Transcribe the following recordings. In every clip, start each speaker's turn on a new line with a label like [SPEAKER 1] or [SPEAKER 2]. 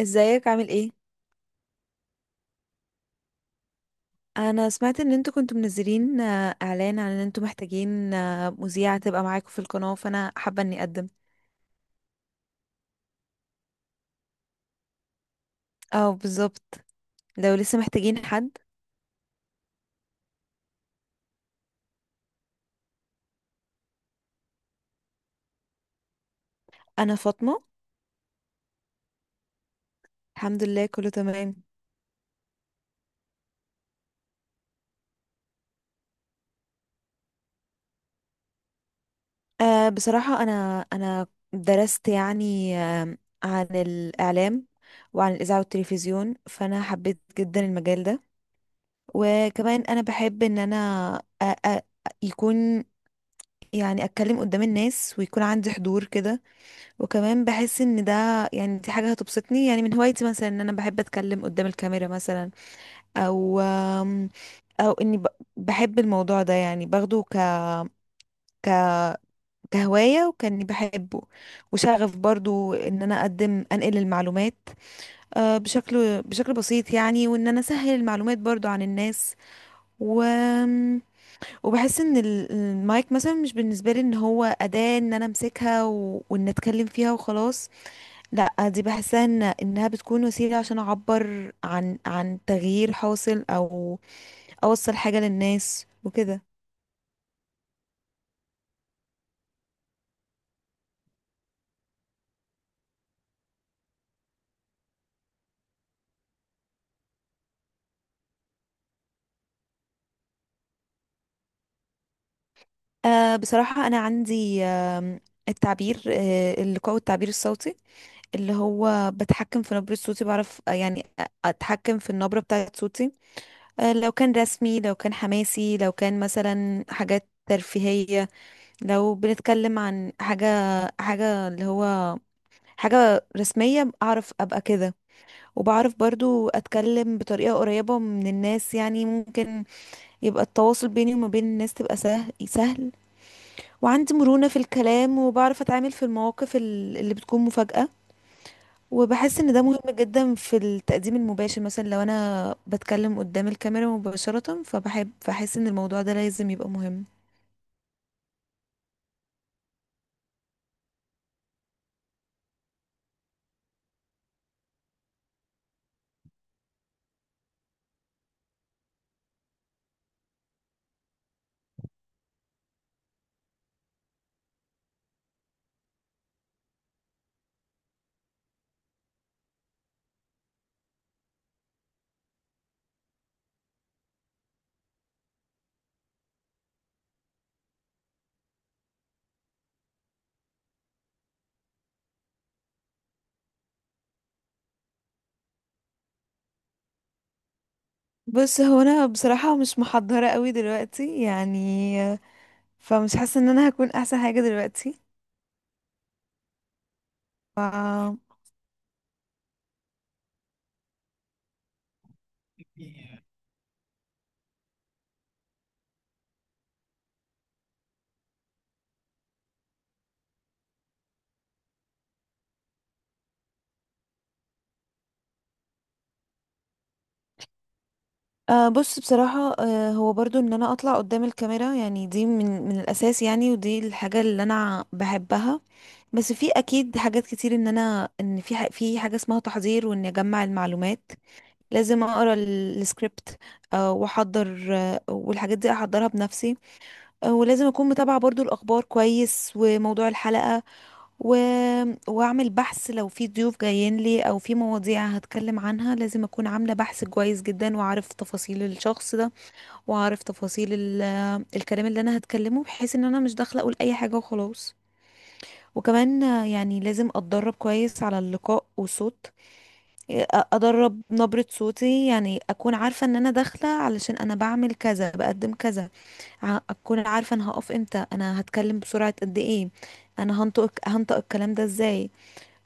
[SPEAKER 1] ازيك عامل ايه؟ انا سمعت ان انتوا كنتوا منزلين اعلان عن ان انتوا محتاجين مذيعة تبقى معاكم في القناة، فانا حابة اني اقدم. اه، بالظبط. لو لسه محتاجين حد. انا فاطمة. الحمد لله كله تمام. بصراحة انا درست، يعني عن الاعلام وعن الاذاعة والتلفزيون، فانا حبيت جدا المجال ده. وكمان انا بحب ان انا أ- أ- يكون، يعني اتكلم قدام الناس ويكون عندي حضور كده. وكمان بحس ان ده، يعني دي حاجه هتبسطني، يعني من هوايتي مثلا ان انا بحب اتكلم قدام الكاميرا مثلا، او او اني بحب الموضوع ده، يعني باخده ك ك كهوايه وكاني بحبه. وشغف برضو ان انا اقدم انقل المعلومات بشكل بسيط، يعني وان انا اسهل المعلومات برضو عن الناس. و وبحس ان المايك مثلا مش بالنسبه لي ان هو اداه ان انا امسكها وان اتكلم فيها وخلاص. لا، دي بحسها إن انها بتكون وسيله عشان اعبر عن تغيير حاصل او اوصل حاجه للناس وكده. بصراحه انا عندي التعبير، اللقاء والتعبير الصوتي، اللي هو بتحكم في نبرة صوتي، بعرف يعني أتحكم في النبرة بتاعة صوتي. لو كان رسمي، لو كان حماسي، لو كان مثلا حاجات ترفيهية، لو بنتكلم عن حاجة اللي هو حاجة رسمية، أعرف أبقى كده. وبعرف برضو اتكلم بطريقة قريبة من الناس، يعني ممكن يبقى التواصل بيني وما بين الناس تبقى سهل سهل. وعندي مرونة في الكلام، وبعرف اتعامل في المواقف اللي بتكون مفاجأة. وبحس ان ده مهم جدا في التقديم المباشر، مثلا لو انا بتكلم قدام الكاميرا مباشرة، فبحب بحس ان الموضوع ده لازم يبقى مهم. بس هو انا بصراحة مش محضرة قوي دلوقتي يعني، فمش حاسة ان انا هكون احسن حاجة دلوقتي. ف بصراحة أه هو برضو ان انا اطلع قدام الكاميرا يعني، دي من الاساس يعني، ودي الحاجة اللي انا بحبها. بس في اكيد حاجات كتير ان انا، ان في في حاجة اسمها تحضير وان اجمع المعلومات. لازم اقرا السكريبت، واحضر، والحاجات دي احضرها بنفسي. ولازم اكون متابعة برضو الاخبار كويس وموضوع الحلقة. و... واعمل بحث لو في ضيوف جايين لي او في مواضيع هتكلم عنها، لازم اكون عاملة بحث كويس جدا، واعرف تفاصيل الشخص ده، واعرف تفاصيل الكلام اللي انا هتكلمه، بحيث ان انا مش داخله اقول اي حاجه وخلاص. وكمان يعني لازم اتدرب كويس على اللقاء والصوت. ادرب نبرة صوتي، يعني اكون عارفه ان انا داخله علشان انا بعمل كذا، بقدم كذا. اكون عارفه انا هقف امتى، انا هتكلم بسرعه قد ايه، انا هنطق الكلام ده ازاي.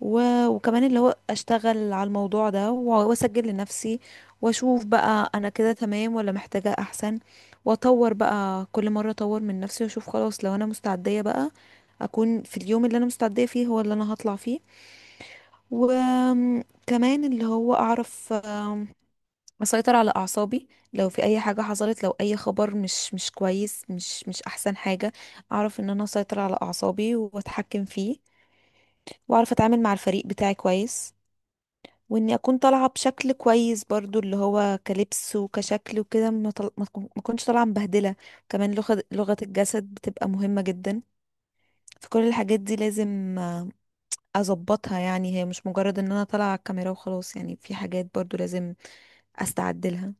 [SPEAKER 1] و... وكمان اللي هو اشتغل على الموضوع ده واسجل لنفسي واشوف بقى انا كده تمام ولا محتاجة احسن، واطور بقى كل مرة، اطور من نفسي واشوف. خلاص، لو انا مستعدية بقى، اكون في اليوم اللي انا مستعدية فيه هو اللي انا هطلع فيه. وكمان اللي هو اعرف اسيطر على اعصابي. لو في اي حاجة حصلت، لو اي خبر مش كويس، مش احسن حاجة، اعرف ان انا اسيطر على اعصابي واتحكم فيه، واعرف اتعامل مع الفريق بتاعي كويس. واني اكون طالعه بشكل كويس برضو، اللي هو كلبس وكشكل وكده، ما طل... ما تكون- ما اكونش طالعه مبهدله. كمان لغه الجسد بتبقى مهمه جدا. فكل الحاجات دي لازم اظبطها، يعني هي مش مجرد ان انا طالعه على الكاميرا وخلاص يعني، في حاجات برضو لازم استعد لها.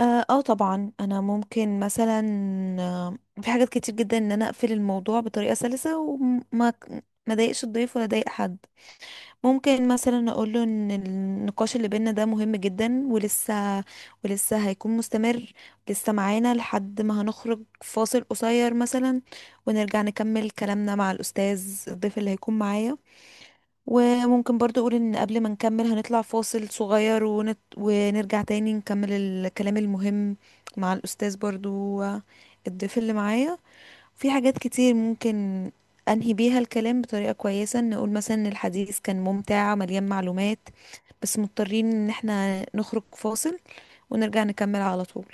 [SPEAKER 1] اه، آه طبعا انا ممكن مثلا في حاجات كتير جدا ان انا اقفل الموضوع بطريقه سلسه وما ما اضايقش الضيف ولا اضايق حد. ممكن مثلا اقول له ان النقاش اللي بينا ده مهم جدا ولسه هيكون مستمر، لسه معانا لحد ما هنخرج فاصل قصير مثلا، ونرجع نكمل كلامنا مع الاستاذ الضيف اللي هيكون معايا. وممكن برضو اقول ان قبل ما نكمل هنطلع فاصل صغير، ونرجع تاني نكمل الكلام المهم مع الاستاذ برضو، الضيف اللي معايا. في حاجات كتير ممكن أنهي بيها الكلام بطريقة كويسة، نقول مثلا إن الحديث كان ممتع مليان معلومات، بس مضطرين إن احنا نخرج فاصل ونرجع نكمل على طول.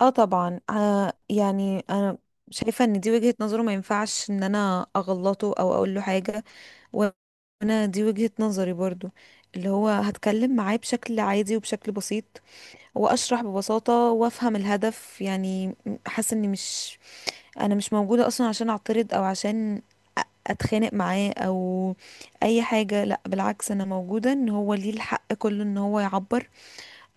[SPEAKER 1] اه، طبعا يعني أنا شايفة إن دي وجهة نظره، ما ينفعش إن أنا أغلطه أو أقول له حاجة، وانا دي وجهة نظري برضو. اللي هو هتكلم معاه بشكل عادي وبشكل بسيط، واشرح ببساطة وافهم الهدف يعني. حاسة اني مش، انا مش موجودة اصلا عشان اعترض او عشان اتخانق معاه او اي حاجة. لا، بالعكس انا موجودة ان هو ليه الحق كله ان هو يعبر،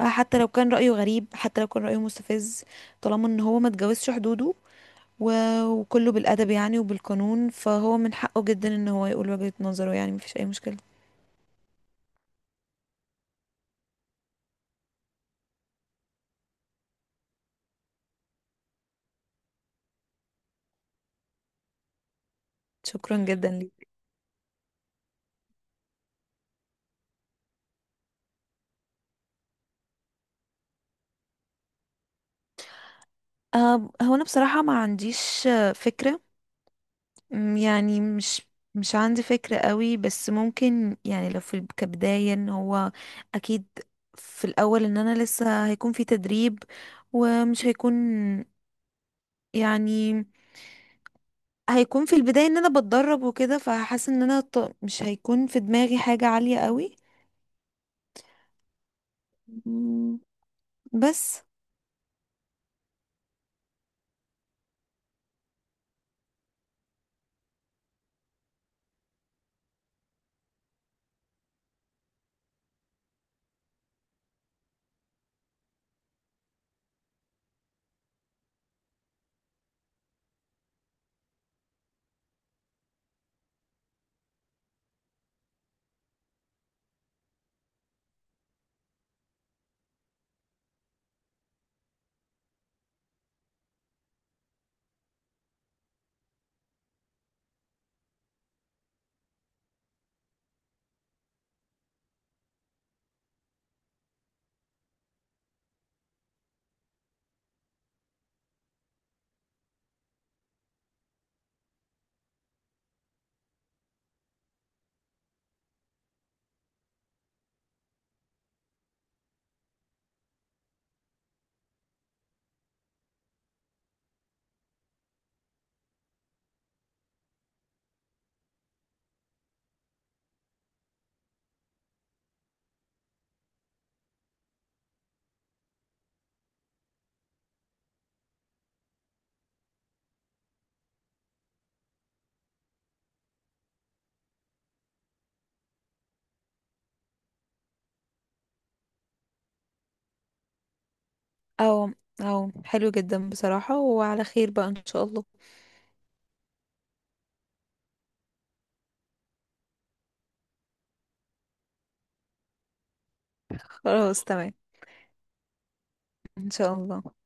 [SPEAKER 1] حتى لو كان رأيه غريب، حتى لو كان رأيه مستفز، طالما ان هو ما اتجاوزش حدوده وكله بالادب يعني وبالقانون، فهو من حقه جدا ان هو يقول وجهة نظره، يعني مفيش اي مشكلة. شكرا جدا ليك. هو انا بصراحة ما عنديش فكرة. يعني مش، مش عندي فكرة قوي، بس ممكن، يعني لو في كبداية ان هو اكيد في الاول ان انا لسه هيكون في تدريب، ومش هيكون، يعني هيكون في البداية ان انا بتدرب وكده، فحاسة ان انا مش هيكون في دماغي حاجة عالية قوي. أمم، بس. او او حلو جدا بصراحة، وعلى خير بقى ان شاء الله. خلاص تمام ان شاء الله.